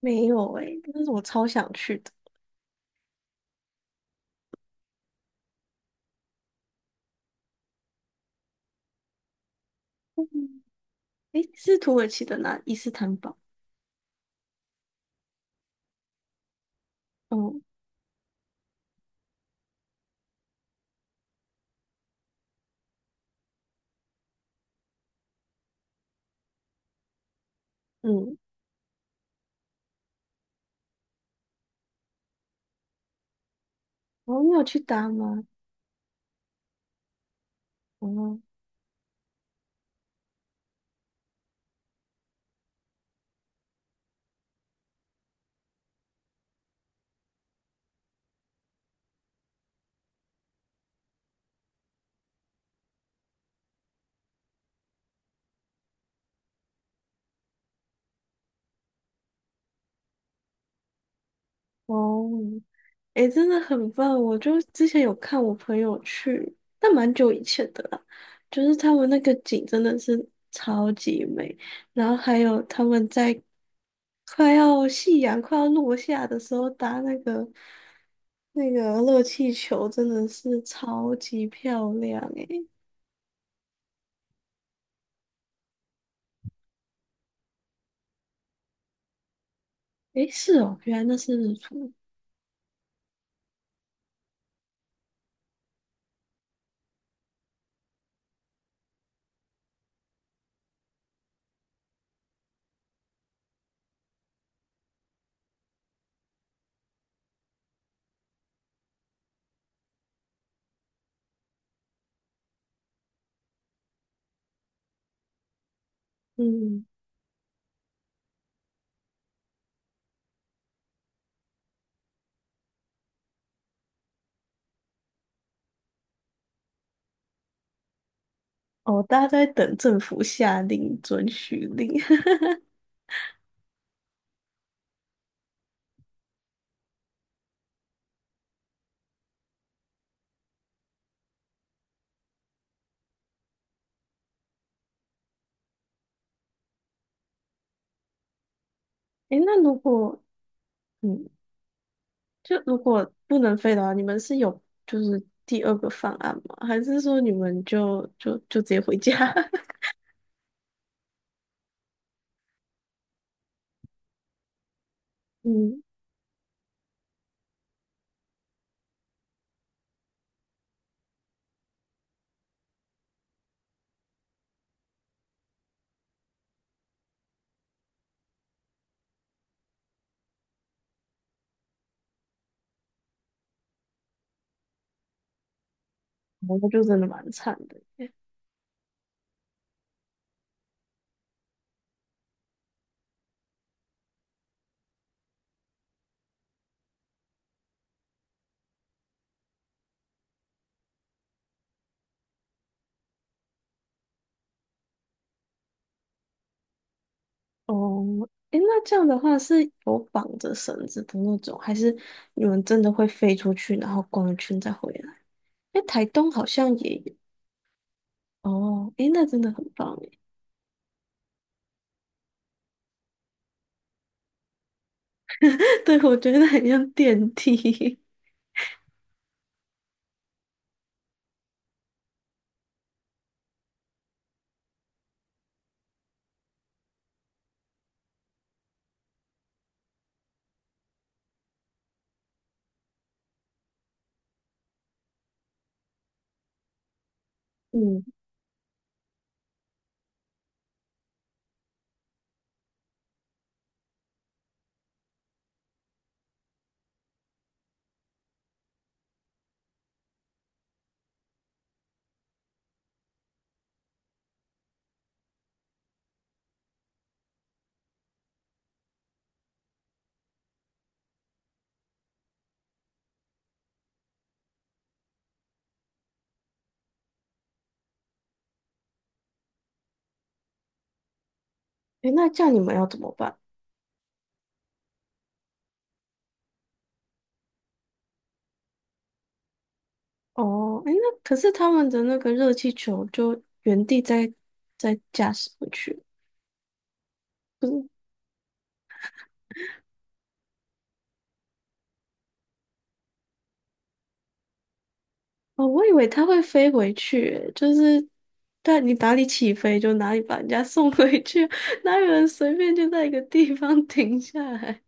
没有哎，但是我超想去的。嗯。诶、是土耳其的哪？伊斯坦堡。哦。嗯。哦，你有去搭吗？哦。哦。哎，真的很棒。我就之前有看我朋友去，但蛮久以前的啦。就是他们那个景真的是超级美，然后还有他们在快要夕阳快要落下的时候搭那个热气球，真的是超级漂亮哎。诶，是哦，原来那是日出。嗯。哦，大家在等政府下令准许令。诶，那如果嗯，就如果不能飞的话，你们是有就是第二个方案吗？还是说你们就直接回家？嗯。哦，那就真的蛮惨的耶。哦。诶，那这样的话是有绑着绳子的那种，还是你们真的会飞出去，然后逛一圈再回来？诶，台东好像也有。哦。诶，那真的很棒。对，我觉得很像电梯。嗯。诶，那这样你们要怎么办？哦。诶，那可是他们的那个热气球就原地在驾驶回去，不是？哦，我以为它会飞回去欸，就是在你哪里起飞就哪里把人家送回去，哪有人随便就在一个地方停下来？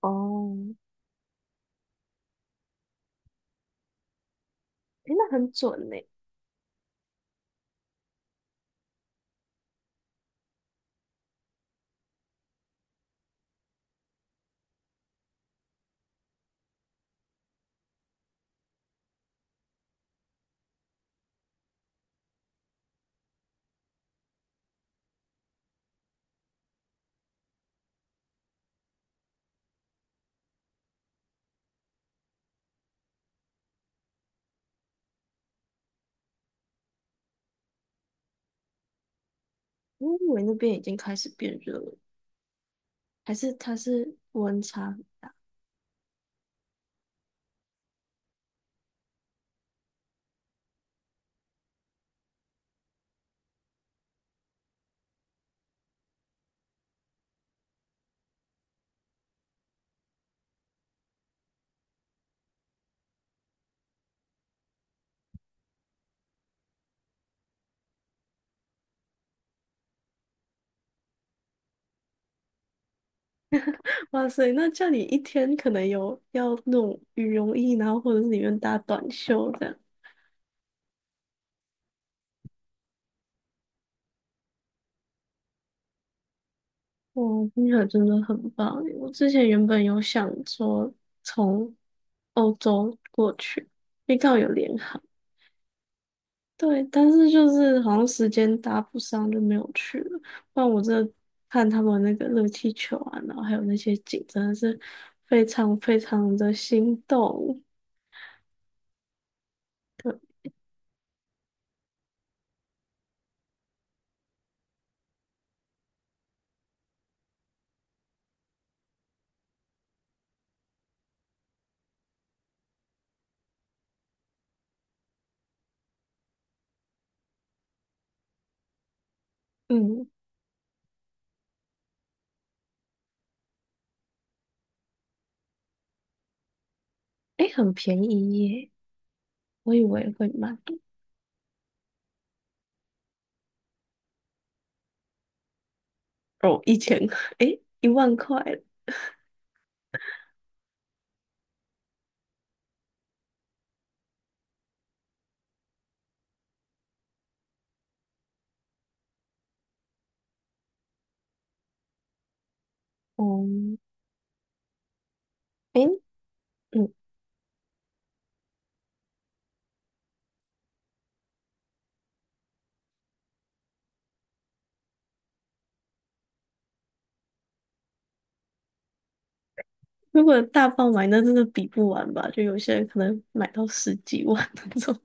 哦。诶，那很准呢。我以为那边已经开始变热了，还是它是温差？哇塞，那叫你一天可能有要那种羽绒衣，然后或者是里面搭短袖这样。哇，听起来真的很棒耶。我之前原本有想说从欧洲过去，因为刚好有联航。对，但是就是好像时间搭不上，就没有去了。不然我真的看他们那个热气球啊，然后还有那些景，真的是非常非常的心动。嗯。诶，很便宜耶。我以为会买。哦，一千，块，诶，一万块。哦。诶。嗯。如果大爆买，那真的比不完吧？就有些人可能买到十几万 那种，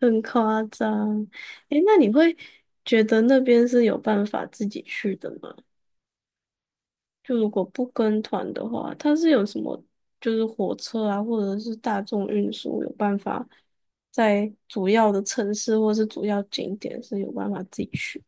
很夸张。诶，那你会觉得那边是有办法自己去的吗？就如果不跟团的话，它是有什么，就是火车啊，或者是大众运输有办法在主要的城市或是主要景点是有办法自己去？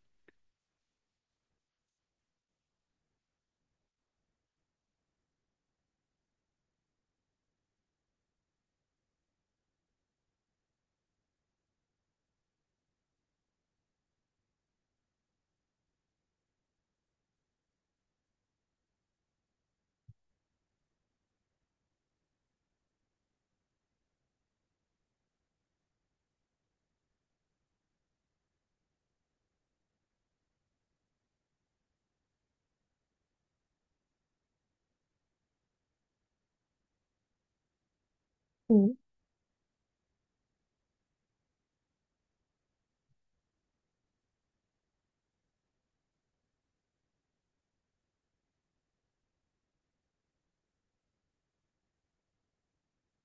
嗯，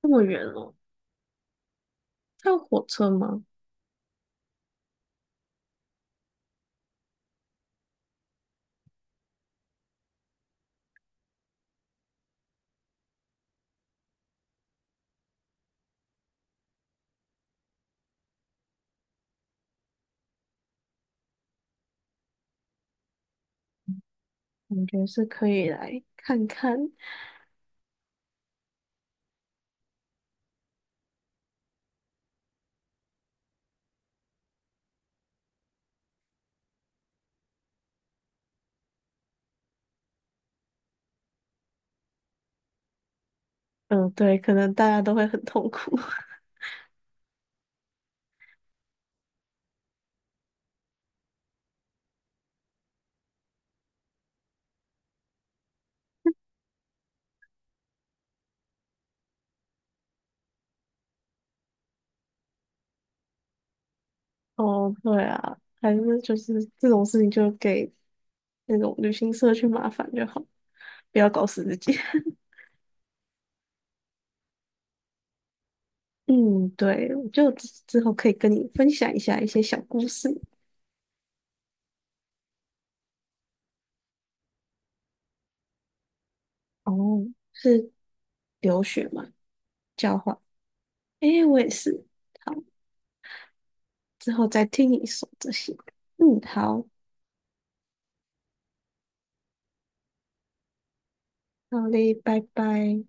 那么远哦。它有火车吗？感觉是可以来看看。嗯，对，可能大家都会很痛苦。哦，对啊，还是就是这种事情就给那种旅行社去麻烦就好，不要搞死自己。嗯，对，我就之后可以跟你分享一下一些小故事。哦，是留学吗？交换？诶，我也是。好。之后再听你说这些。嗯。好，好嘞，拜拜。